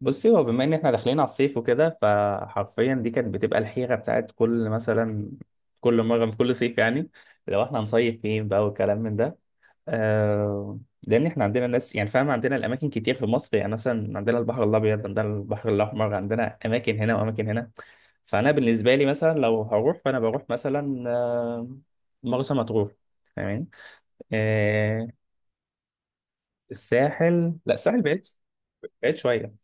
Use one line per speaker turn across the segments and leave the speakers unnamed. بصي، هو بما ان احنا داخلين على الصيف وكده، فحرفيا دي كانت بتبقى الحيرة بتاعت كل، كل مرة في كل صيف يعني. لو احنا هنصيف فين بقى، والكلام من ده. لان احنا عندنا ناس، يعني فاهم، عندنا الاماكن كتير في مصر. يعني مثلا عندنا البحر الابيض، عندنا البحر الاحمر، عندنا اماكن هنا واماكن هنا. فانا بالنسبة لي مثلا لو هروح، فانا بروح مثلا مرسى مطروح. فاهمين؟ آه. الساحل، لا الساحل بعيد، بعيد شوية.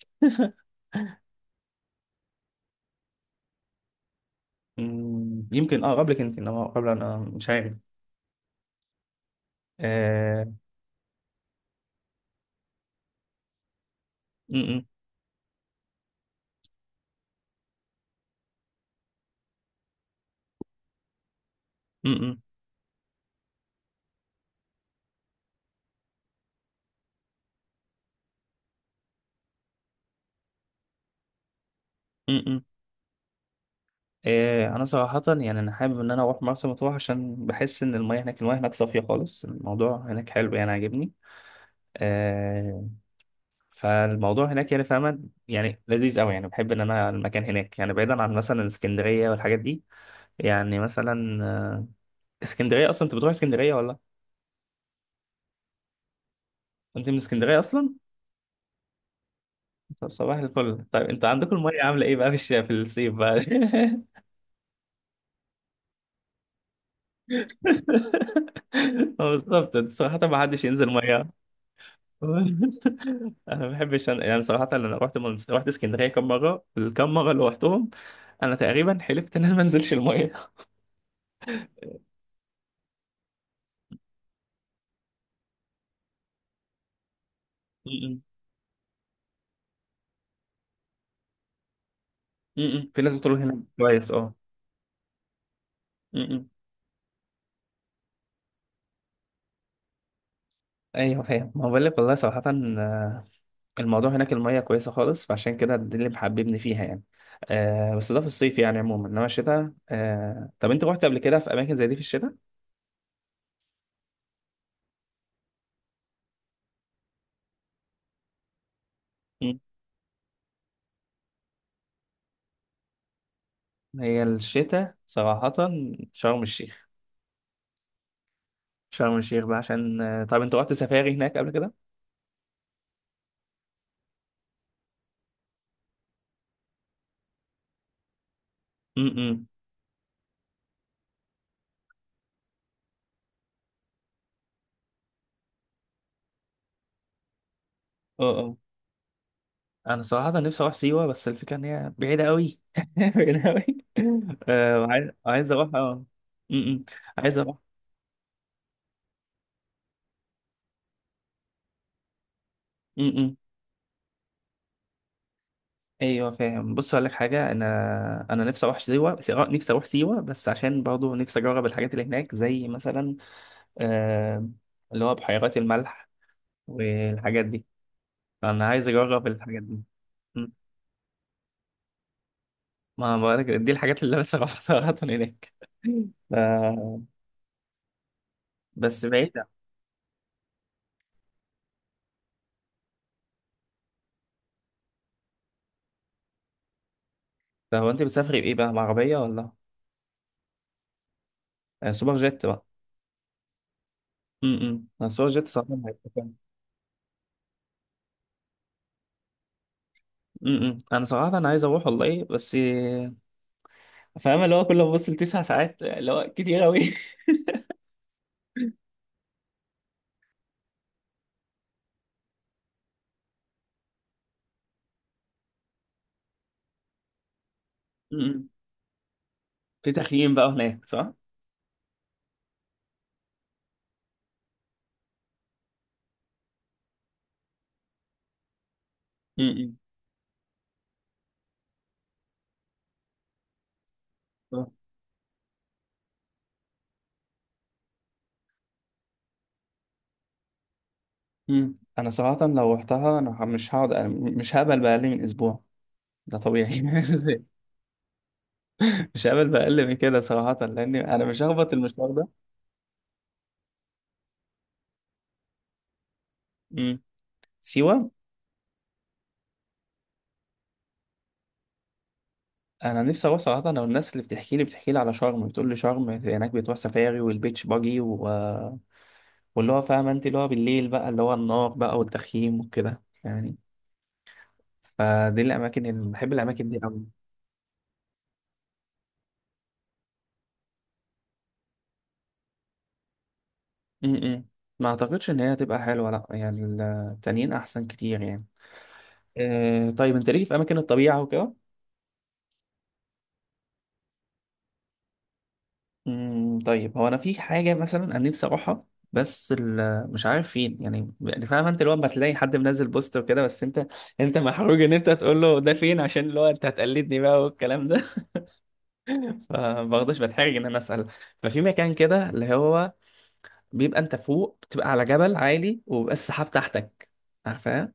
مم، يمكن قبلك انت، انما قبل انا مش عارف. آه. م-. م-. م-. م-. م. انا صراحة يعني انا حابب ان انا اروح مرسى مطروح، عشان بحس ان المياه هناك، المياه هناك صافية خالص، الموضوع هناك حلو، يعني عاجبني. آه فالموضوع هناك يعني فاهمة، يعني لذيذ قوي، يعني بحب ان انا المكان هناك، يعني بعيدا عن مثلا اسكندرية والحاجات دي. يعني مثلا اسكندرية اصلا انت بتروح اسكندرية ولا؟ انت من اسكندرية اصلا؟ طب صباح الفل. طيب انت عندكم المية عاملة ايه بقى في الصيف بقى؟ هو بالظبط صراحة، ما حدش ينزل مية. أنا ما بحبش، يعني صراحة أنا رحت اسكندرية كم مرة، الكم مرة اللي رحتهم أنا تقريبا حلفت إن أنا ما أنزلش المية. م-م. م-م. في ناس بتقول هنا كويس أه. م-م. أيوه فاهم، ما بقول لك والله صراحة. آه، الموضوع هناك المية كويسة خالص، فعشان كده ده اللي محببني فيها يعني. آه بس ده في الصيف يعني عموما، إنما الشتاء. طب أنت رحت قبل كده في أماكن زي دي في الشتاء؟ هي الشتاء صراحة. شرم الشيخ. شرم الشيخ بقى عشان، طب انت رحت سفاري هناك قبل كده؟ امم. اه اه. انا صراحة نفسي اروح سيوة، بس الفكرة ان هي بعيدة قوي، بعيدة قوي. وعايز، عايز اروح امم. عايز اروح. امم. ايوه فاهم، بص اقول لك حاجة، انا نفسي اروح سيوة نفسي اروح سيوة بس عشان برضه نفسي اجرب الحاجات اللي هناك زي مثلا، آه اللي هو بحيرات الملح والحاجات دي. انا عايز اجرب الحاجات دي. ما بقولك دي الحاجات اللي لسه بروح صراحة هناك آه، بس بعيدة. طب هو انت بتسافري بايه بقى، بعربية ولا؟ سوبر جيت بقى. امم، انا سوبر جيت صراحة هيبقى فاهم. انا صراحة انا عايز اروح والله، بس فاهم اللي هو كل ما ببص لـ 9 ساعات، اللي هو كتير قوي. امم. في تخييم بقى هناك، صح؟ امم. امم، انا صراحة لو رحتها انا، مش هقعد أنا، مش هقبل بأقل من اسبوع، ده طبيعي. مش هقبل بأقل من كده صراحة، لأن أنا مش هخبط المشوار ده. سيوة انا نفسي اروح صراحه. لو الناس اللي بتحكي لي على شرم بتقول لي شرم هناك بتروح سفاري والبيتش باجي واللي هو فاهم انت اللي هو بالليل بقى، اللي هو النار بقى والتخييم وكده يعني. فدي الاماكن اللي بحب، الاماكن دي قوي. م-م. ما اعتقدش ان هي هتبقى حلوه، لا يعني. التانيين احسن كتير يعني. طيب انت ليك في اماكن الطبيعه وكده؟ امم. طيب هو انا في حاجه مثلا انا نفسي اروحها، بس مش عارف فين يعني، يعني فاهم انت اللي هو لما تلاقي حد منزل بوست وكده، بس انت محروج ان انت تقول له ده فين، عشان اللي هو انت هتقلدني بقى والكلام ده. فبرضه بتحرج ان انا اسال. ففي مكان كده اللي هو بيبقى انت فوق، بتبقى على جبل عالي، وبيبقى السحاب تحتك، عارفاه؟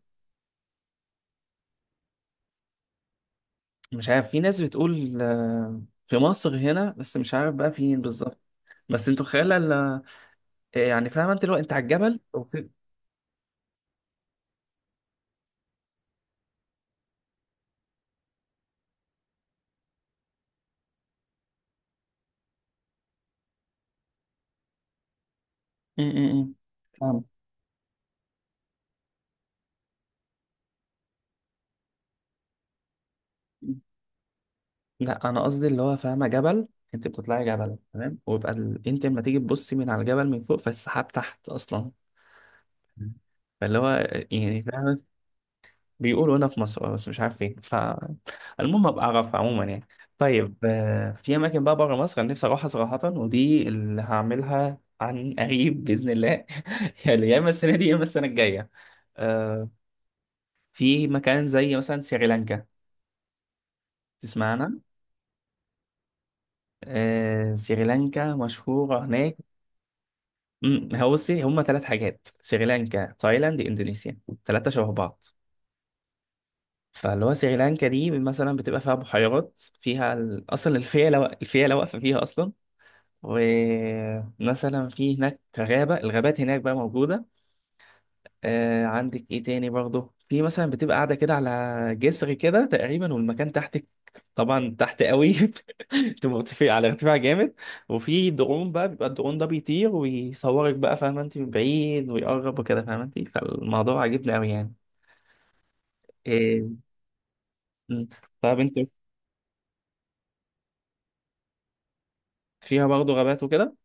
مش عارف، في ناس بتقول في مصر هنا بس مش عارف بقى فين بالظبط. بس انتوا خيال، يعني فاهم انت اللي هو انت على الجبل وفي. م-. م-. م. فاهم. لا انا قصدي اللي هو فاهمه، جبل، انت بتطلعي جبل تمام، ويبقى انت لما تيجي تبصي من على الجبل من فوق، فالسحاب تحت اصلا. فاللي هو، يعني فاهمة. بيقولوا هنا في مصر بس مش عارف فين، فالمهم ابقى اعرف عموما يعني. طيب في اماكن بقى بره مصر انا نفسي اروحها صراحه، ودي اللي هعملها عن قريب باذن الله. يعني يا اما السنه دي يا اما السنه الجايه. آه، في مكان زي مثلا سريلانكا تسمعنا؟ سريلانكا مشهوره هناك. امم. هو بصي، هما ثلاث حاجات: سريلانكا، تايلاند، اندونيسيا، ثلاثة شبه بعض. فاللي هو سريلانكا دي مثلا بتبقى فيها بحيرات، فيها اصلا الفيلة واقفة فيها اصلا. ومثلا في هناك غابة، الغابات هناك بقى موجودة. عندك ايه تاني برضه؟ في مثلا بتبقى قاعده كده على جسر كده تقريبا، والمكان تحتك طبعا تحت قوي، بتبقى مرتفع على ارتفاع جامد. وفي درون بقى، بيبقى الدرون ده بيطير ويصورك بقى فاهمه انت من بعيد ويقرب وكده فاهمه انت. فالموضوع عجبني قوي يعني. إيه. مم. طب انت؟ فيها برضه غابات وكده.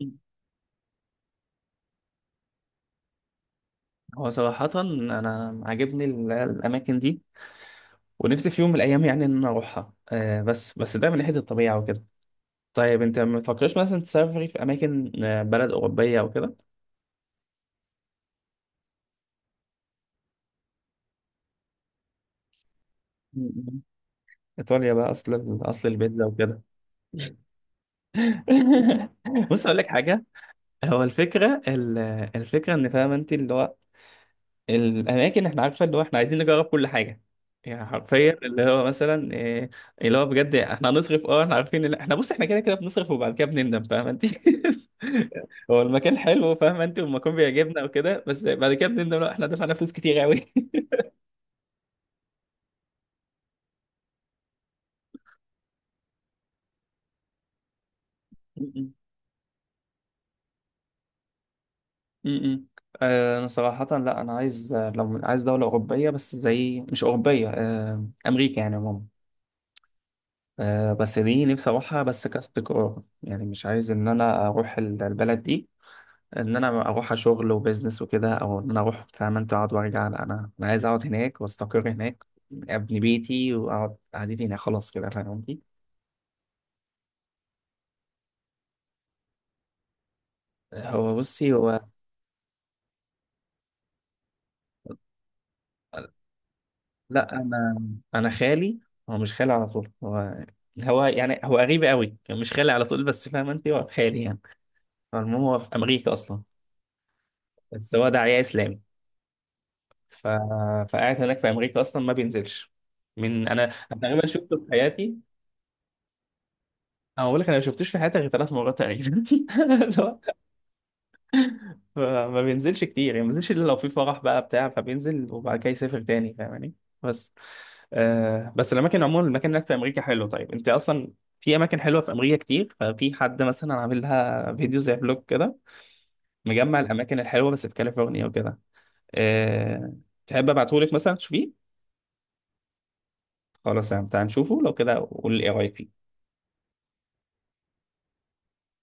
مم. هو صراحة أنا عاجبني، الأماكن دي، ونفسي في يوم من الأيام يعني إن أنا أروحها، بس ده من ناحية الطبيعة وكده. طيب انت ما بتفكرش مثلا تسافري في اماكن، بلد اوروبيه او كده؟ م-. ايطاليا بقى، اصل البيتزا وكده. بص اقول لك حاجه، هو الفكره، الفكره ان فاهم انت اللي هو الاماكن احنا عارفه، اللي هو احنا عايزين نجرب كل حاجه، يعني حرفيا اللي هو مثلا إيه، اللي هو بجد احنا هنصرف، احنا عارفين اللي احنا، بص احنا كده كده بنصرف وبعد كده بنندم، فاهم انت. هو المكان حلو فاهم انت، والمكان بيعجبنا وكده، بس بعد كده بنندم، لا احنا دفعنا فلوس كتير قوي. امم. انا صراحة لا، انا عايز لو عايز دولة اوروبية، بس زي مش اوروبية، امريكا يعني عموما. بس دي نفسي اروحها بس كاستقرار، يعني مش عايز ان انا اروح البلد دي، ان انا اروح شغل وبزنس وكده، او ان انا اروح فاهم انت، اقعد وارجع، لا انا، انا عايز اقعد هناك واستقر هناك، ابني بيتي واقعد قعدتي هنا خلاص كده فاهم قصدي. هو بصي هو، لا انا خالي، هو مش خالي على طول، هو، هو يعني، هو قريب قوي يعني، مش خالي على طول بس فاهم انت هو خالي يعني. المهم هو في امريكا اصلا، بس هو داعية اسلامي. ف... فقاعد هناك في امريكا اصلا ما بينزلش، من انا أنا تقريبا شفته في حياتي، انا بقول لك، انا ما شفتوش في حياتي غير 3 مرات تقريبا. لا. فما بينزلش كتير يعني، ما بينزلش الا لو في فرح بقى بتاع، فبينزل وبعد كده يسافر تاني فاهماني. بس الاماكن عموما الاماكن هناك في امريكا حلو. طيب انت اصلا في اماكن حلوه في امريكا كتير، ففي حد مثلا عامل لها فيديو زي بلوج كده، مجمع الاماكن الحلوه بس في كاليفورنيا وكده. آه تحب ابعتهولك مثلا تشوفيه؟ خلاص يعني تعال نشوفه لو كده، قول لي ايه رايك فيه.